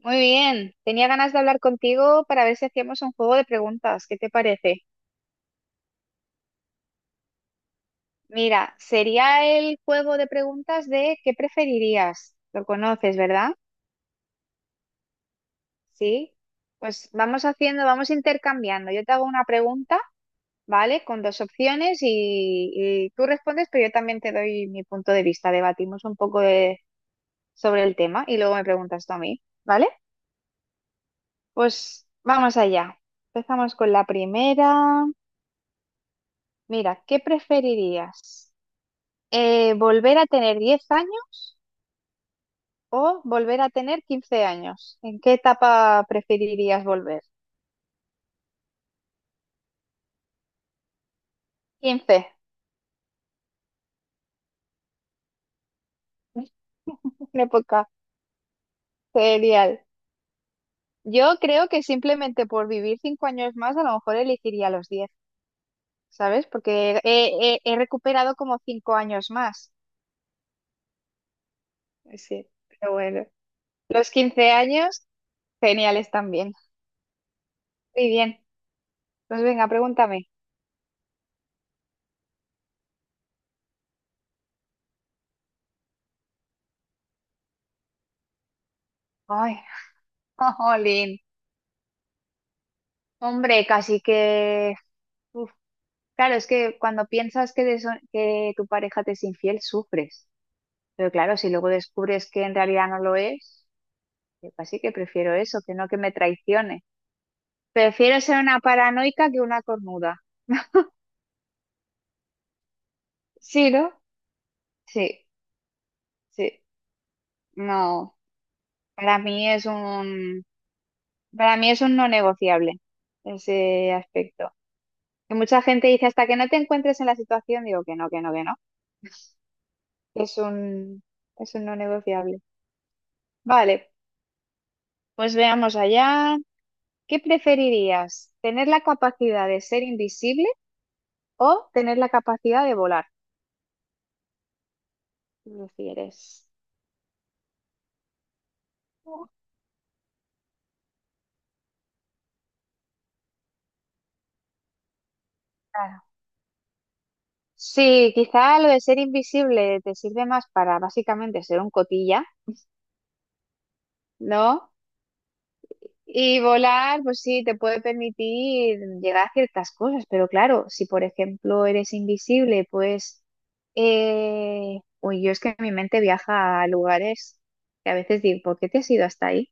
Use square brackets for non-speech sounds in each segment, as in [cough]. Muy bien, tenía ganas de hablar contigo para ver si hacíamos un juego de preguntas. ¿Qué te parece? Mira, sería el juego de preguntas de ¿qué preferirías? Lo conoces, ¿verdad? Sí. Pues vamos haciendo, vamos intercambiando. Yo te hago una pregunta, ¿vale? Con dos opciones y tú respondes, pero yo también te doy mi punto de vista. Debatimos un poco sobre el tema y luego me preguntas tú a mí, ¿vale? Pues vamos allá. Empezamos con la primera. Mira, ¿qué preferirías? ¿Volver a tener 10 años o volver a tener 15 años? ¿En qué etapa preferirías volver? Quince. [laughs] Una época genial. Yo creo que simplemente por vivir 5 años más, a lo mejor elegiría los diez, ¿sabes? Porque he recuperado como 5 años más. Sí, pero bueno. Los 15 años, geniales también. Muy bien. Pues venga, pregúntame. Ay, [laughs] jolín. Hombre, casi que. Claro, es que cuando piensas que, de que tu pareja te es infiel, sufres. Pero claro, si luego descubres que en realidad no lo es, yo casi que prefiero eso, que no que me traicione. Prefiero ser una paranoica que una cornuda. Sí, ¿no? Sí, sí. No, para mí es un, para mí es un no negociable ese aspecto. Que mucha gente dice, hasta que no te encuentres en la situación, digo que no, que no, que no. Es un, es un no negociable. Vale, pues veamos allá. ¿Qué preferirías? ¿Tener la capacidad de ser invisible o tener la capacidad de volar? ¿Qué prefieres? Claro. Sí, quizá lo de ser invisible te sirve más para básicamente ser un cotilla, ¿no? Y volar, pues sí, te puede permitir llegar a ciertas cosas, pero claro, si por ejemplo eres invisible, pues... Uy, yo es que mi mente viaja a lugares que a veces digo, ¿por qué te has ido hasta ahí?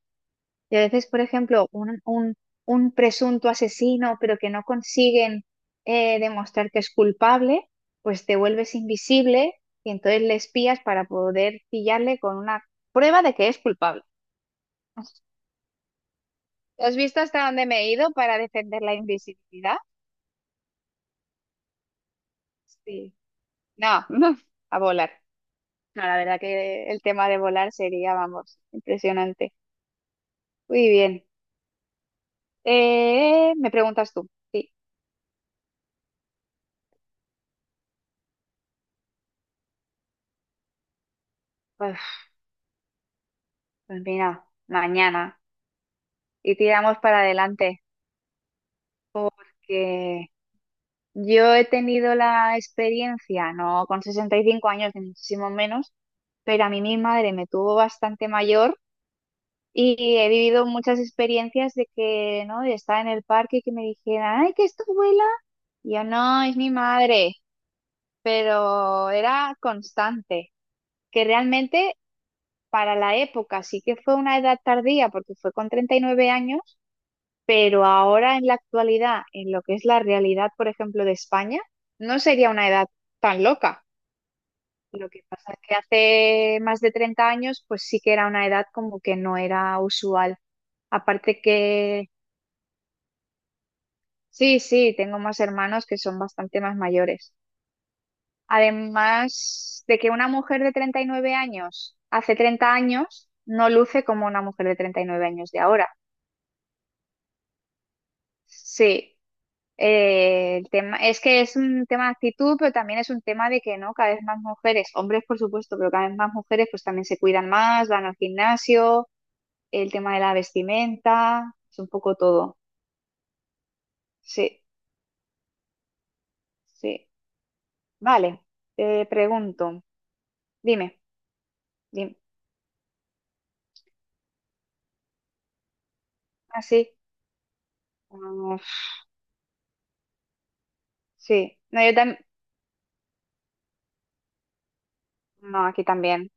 Y a veces, por ejemplo, un presunto asesino, pero que no consiguen demostrar que es culpable, pues te vuelves invisible y entonces le espías para poder pillarle con una prueba de que es culpable. [laughs] ¿Has visto hasta dónde me he ido para defender la invisibilidad? Sí. No, [laughs] a volar. No, la verdad que el tema de volar sería, vamos, impresionante. Muy bien. ¿Me preguntas tú? Sí. Uf, pues mira, mañana. Y tiramos para adelante, porque yo he tenido la experiencia, no con 65 años ni muchísimo menos, pero a mí mi madre me tuvo bastante mayor y he vivido muchas experiencias de que, ¿no? De estar en el parque y que me dijeran, ay, que es tu abuela. Y yo, no, es mi madre, pero era constante, que realmente para la época sí que fue una edad tardía, porque fue con 39 años. Pero ahora en la actualidad, en lo que es la realidad, por ejemplo, de España, no sería una edad tan loca. Lo que pasa es que hace más de 30 años, pues sí que era una edad como que no era usual. Aparte que, sí, sí, tengo más hermanos que son bastante más mayores. Además de que una mujer de 39 años hace 30 años no luce como una mujer de 39 años de ahora. Sí, es que es un tema de actitud, pero también es un tema de que no, cada vez más mujeres, hombres por supuesto, pero cada vez más mujeres pues también se cuidan más, van al gimnasio, el tema de la vestimenta, es un poco todo. Sí, sí. Vale, te pregunto, dime, dime. Ah, sí. Ah, sí. No, yo también. No, aquí también.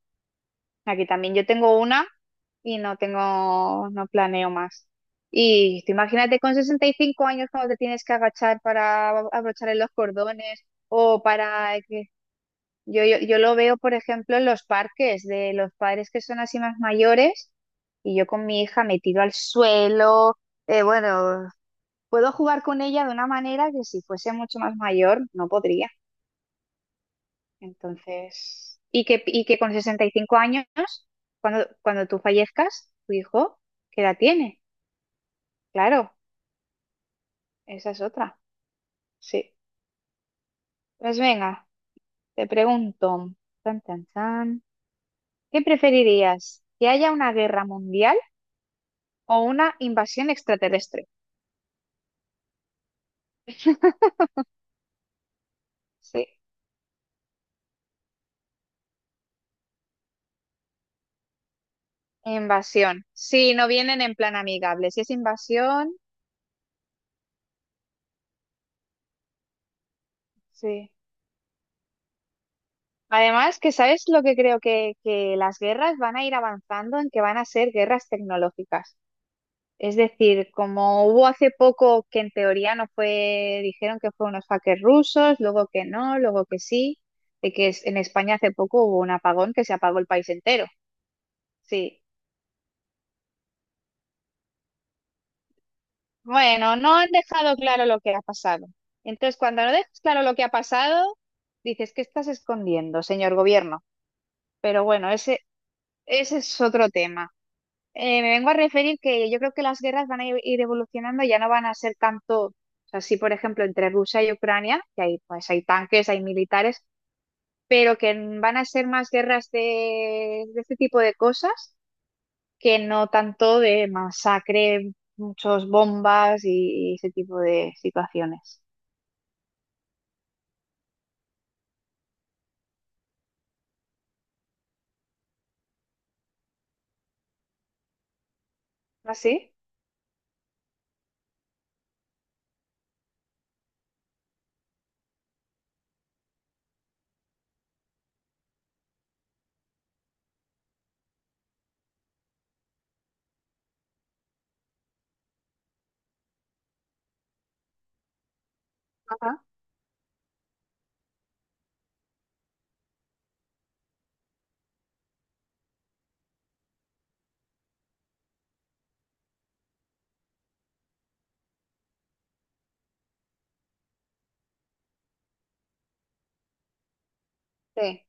Aquí también yo tengo una y no tengo, no planeo más. Y tú imagínate con 65 años cuando te tienes que agachar para abrochar en los cordones o para que yo lo veo, por ejemplo, en los parques de los padres que son así más mayores y yo con mi hija me tiro al suelo. eh, bueno, puedo jugar con ella de una manera que si fuese mucho más mayor no podría. Entonces, y que con 65 años, cuando tú fallezcas, tu hijo, ¿qué edad tiene? Claro, esa es otra. Sí. Pues venga, te pregunto, tan, tan, tan, ¿qué preferirías? ¿Que haya una guerra mundial o una invasión extraterrestre? Sí. Invasión. Sí, no vienen en plan amigable. Si es invasión, sí. Además, que sabes lo que creo que las guerras van a ir avanzando en que van a ser guerras tecnológicas. Es decir, como hubo hace poco que en teoría no fue, dijeron que fue unos hackers rusos, luego que no, luego que sí, en España hace poco hubo un apagón que se apagó el país entero. Sí. Bueno, no han dejado claro lo que ha pasado. Entonces, cuando no dejas claro lo que ha pasado, dices, ¿qué estás escondiendo, señor gobierno? Pero bueno, ese es otro tema. Me vengo a referir que yo creo que las guerras van a ir evolucionando, ya no van a ser tanto, o sea, sí, por ejemplo, entre Rusia y Ucrania, que hay, pues, hay tanques, hay militares, pero que van a ser más guerras de este tipo de cosas que no tanto de masacre, muchos bombas y ese tipo de situaciones. ¿Así? Ajá. Sí.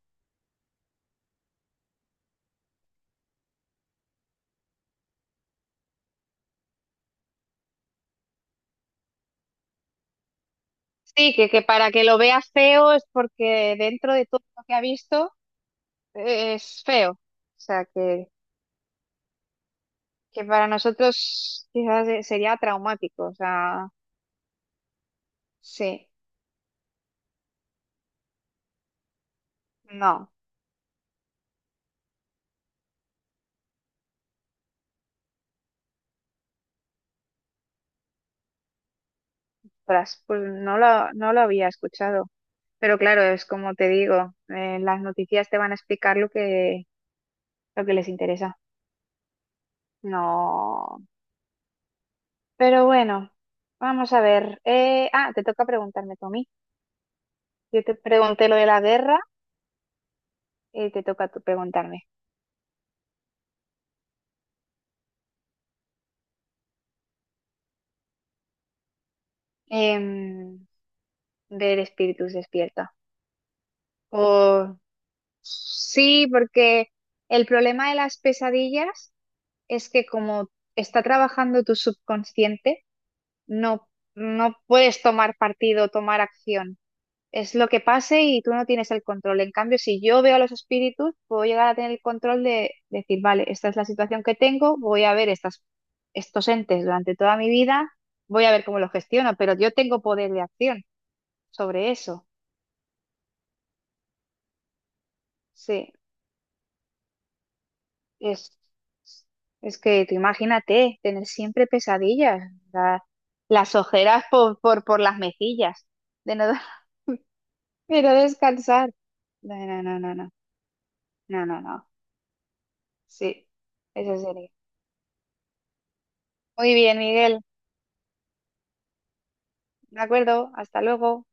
Sí, que para que lo vea feo es porque dentro de todo lo que ha visto es feo. O sea que para nosotros quizás sería traumático, o sea, sí, no, tras, pues no lo había escuchado, pero claro, es como te digo, las noticias te van a explicar lo que les interesa, no, pero bueno, vamos a ver, te toca preguntarme, Tommy, yo te pregunté lo de la guerra, y te toca tú preguntarme. Em, del espíritus despierta, o sí, porque... El problema de las pesadillas es que como está trabajando tu subconsciente, no, no puedes tomar partido, tomar acción. Es lo que pase y tú no tienes el control. En cambio, si yo veo a los espíritus, puedo llegar a tener el control de decir, vale, esta es la situación que tengo, voy a ver estas, estos entes durante toda mi vida, voy a ver cómo los gestiono, pero yo tengo poder de acción sobre eso. Sí. Es, es que tú imagínate, tener siempre pesadillas, la- las ojeras por las mejillas, de no, [laughs] de no descansar. No, no, no, no, no, no, no, no. Sí, eso sería. Muy bien, Miguel, de acuerdo, hasta luego.